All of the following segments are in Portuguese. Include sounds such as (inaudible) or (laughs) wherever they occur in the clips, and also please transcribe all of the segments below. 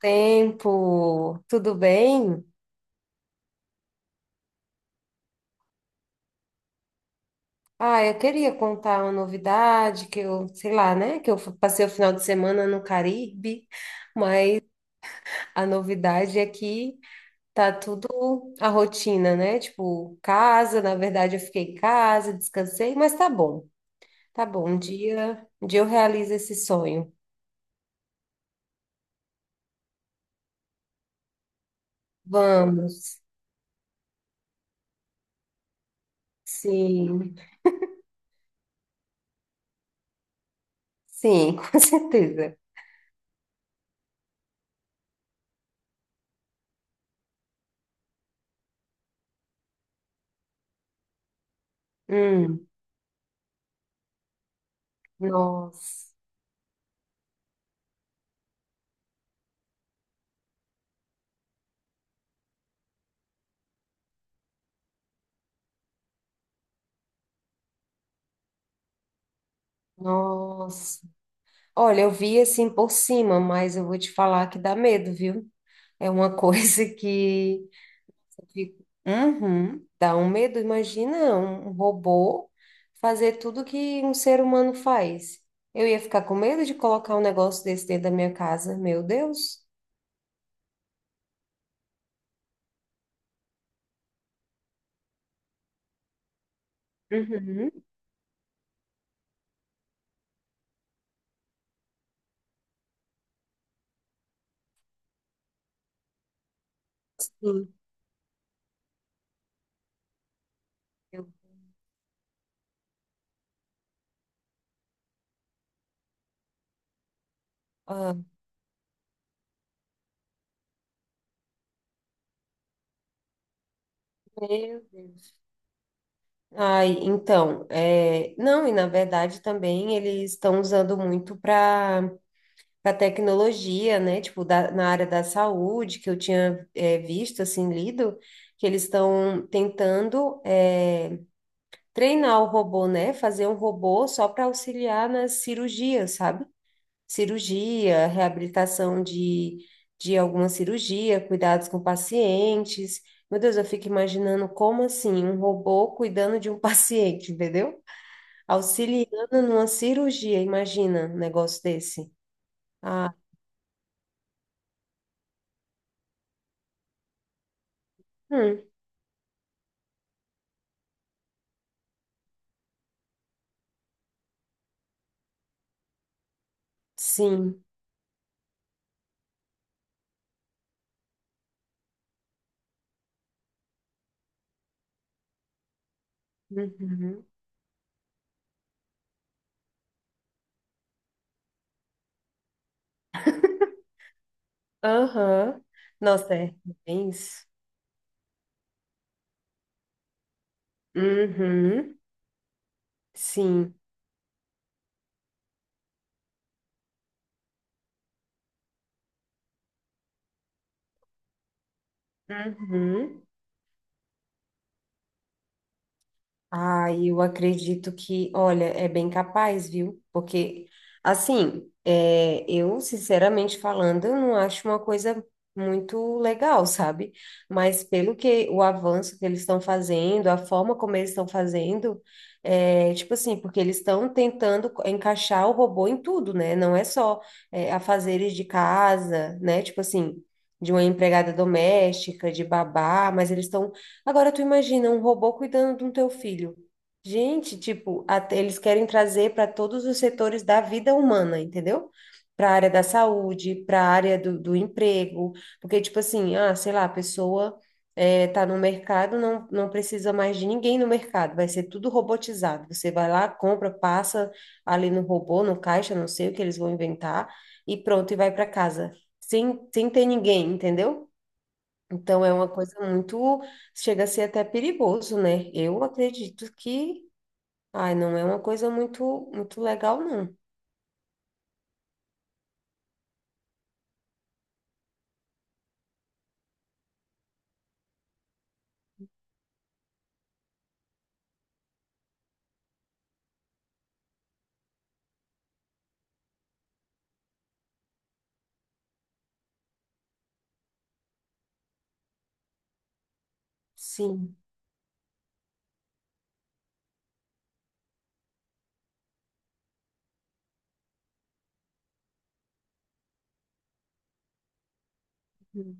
Tempo, tudo bem? Ah, eu queria contar uma novidade que eu, sei lá, né, que eu passei o final de semana no Caribe, mas a novidade é que tá tudo a rotina, né? Tipo, casa, na verdade eu fiquei em casa, descansei, mas tá bom. Tá bom, um dia eu realizo esse sonho. Vamos. Sim. Sim, (laughs) com certeza. Hum. Nossa. Nossa. Olha, eu vi assim por cima, mas eu vou te falar que dá medo, viu? É uma (laughs) coisa que eu fico, uhum, dá um medo. Imagina um robô fazer tudo que um ser humano faz. Eu ia ficar com medo de colocar um negócio desse dentro da minha casa, meu Deus. Uhum. Sim. Eu- ah, meu Deus. Ai, então, não, e na verdade também eles estão usando muito para tecnologia, né? Tipo, na área da saúde, que eu tinha visto, assim, lido, que eles estão tentando treinar o robô, né? Fazer um robô só para auxiliar nas cirurgias, sabe? Cirurgia, reabilitação de alguma cirurgia, cuidados com pacientes. Meu Deus, eu fico imaginando como assim, um robô cuidando de um (laughs) paciente, entendeu? Auxiliando numa cirurgia, imagina um negócio desse. Ah. Hum. Sim. Uhum. Aham. Nossa, é bem isso. Uhum. Sim. Uhum. Ah, eu acredito que, olha, é bem capaz, viu? Porque, assim, é, eu, sinceramente falando, eu não acho uma coisa muito legal, sabe? Mas pelo que o avanço que eles estão fazendo, a forma como eles estão fazendo, é, tipo assim, porque eles estão tentando encaixar o robô em tudo, né? Não é só, é, afazeres de casa, né? Tipo assim. De uma empregada doméstica, de babá, mas eles estão. Agora tu imagina um robô cuidando do teu filho. Gente, tipo, até eles querem trazer para todos os setores da vida humana, entendeu? Para a área da saúde, para a área do, do emprego, porque tipo assim, ah, sei lá, a pessoa tá no mercado, não, não precisa mais de ninguém no mercado, vai ser tudo robotizado. Você vai lá, compra, passa ali no robô, no caixa, não sei o que eles vão inventar, e pronto, e vai para casa, sem, sem ter ninguém, entendeu? Então é uma coisa muito, chega a ser até perigoso, né? Eu acredito que, ai, não é uma coisa muito, muito legal, não. Sim. Uhum.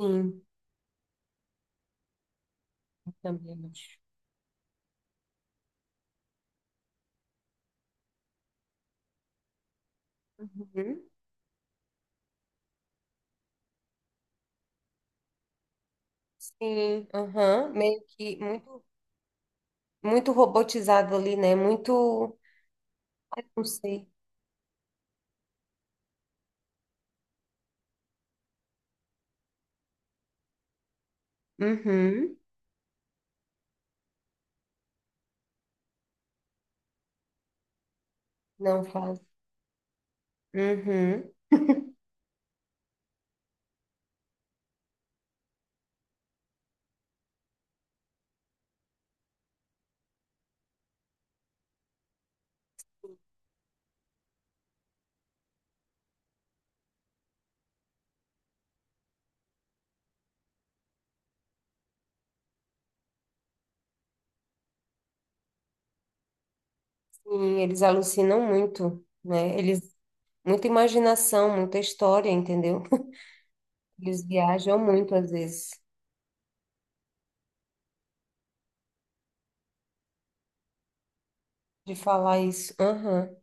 Sim. Eu também acho. Uhum. Sim, aham. Meio que muito, muito robotizado ali, né? Muito, ai, não sei. Uhum. Não faz. Uhum. Sim, eles alucinam muito, né? Eles, muita imaginação, muita história, entendeu? (laughs) Eles viajam muito às vezes. De falar isso. Aham.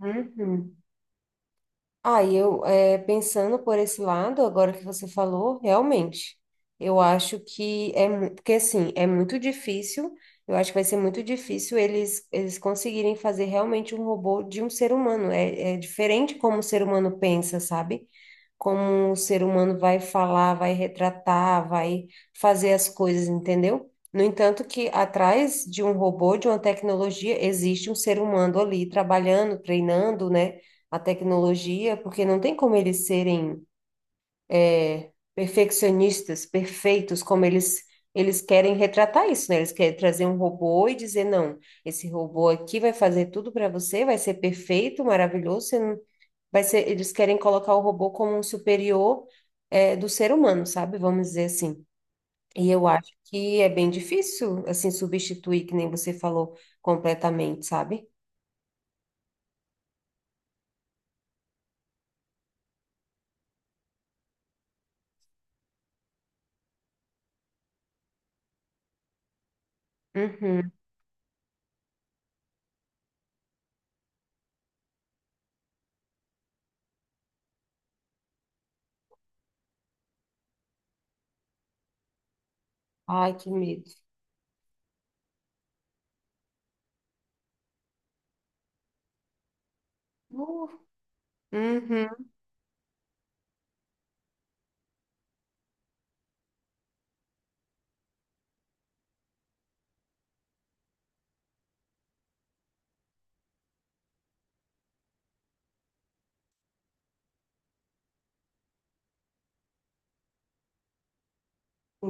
Uhum. Aí eu, é, pensando por esse lado, agora que você falou, realmente, eu acho que é, porque assim, é muito difícil, eu acho que vai ser muito difícil eles, eles conseguirem fazer realmente um robô de um ser humano, é, é diferente como o ser humano pensa, sabe? Como o ser humano vai falar, vai retratar, vai fazer as coisas, entendeu? No entanto, que atrás de um robô, de uma tecnologia, existe um ser humano ali trabalhando, treinando, né, a tecnologia, porque não tem como eles serem perfeccionistas, perfeitos, como eles querem retratar isso, né? Eles querem trazer um robô e dizer, não, esse robô aqui vai fazer tudo para você, vai ser perfeito, maravilhoso, você não vai ser, eles querem colocar o robô como um superior, é, do ser humano, sabe? Vamos dizer assim. E eu acho que é bem difícil, assim, substituir, que nem você falou, completamente, sabe? Uhum. Ai, que medo. Uh. Uhum.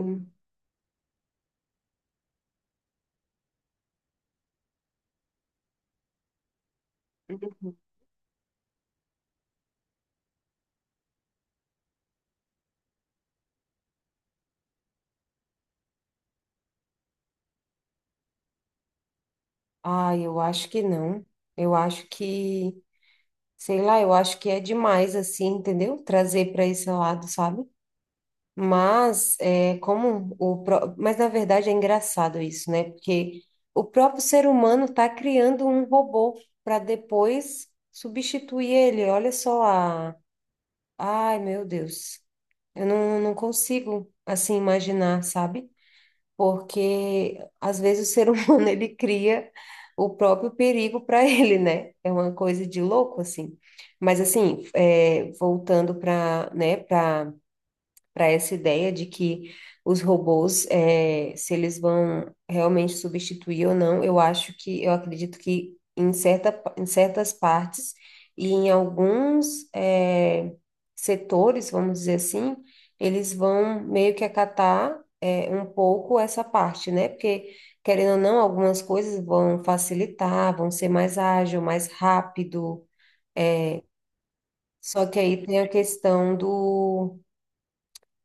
Sim. Ai, eu acho que não. Eu acho que, sei lá, eu acho que é demais, assim, entendeu? Trazer para esse lado, sabe? Mas é como o mas na verdade é engraçado isso, né? Porque o próprio ser humano está criando um robô para depois substituir ele. Olha só a, ai meu Deus, eu não, não consigo assim imaginar, sabe? Porque às vezes o ser (laughs) humano ele cria o próprio perigo para ele, né? É uma coisa de louco assim. Mas assim, é, voltando para, né? Para essa ideia de que os robôs, é, se eles vão realmente substituir ou não, eu acho que, eu acredito que em certa, em certas partes e em alguns, é, setores, vamos dizer assim, eles vão meio que acatar, é, um pouco essa parte, né? Porque, querendo ou não, algumas coisas vão facilitar, vão ser mais ágil, mais rápido. Só que aí tem a questão do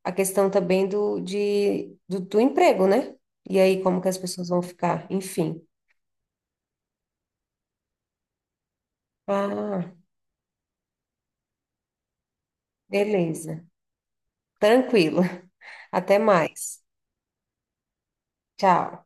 a questão também do, de, do, do emprego, né? E aí, como que as pessoas vão ficar? Enfim. Ah, beleza. Tranquilo. (laughs) Até mais. Tchau.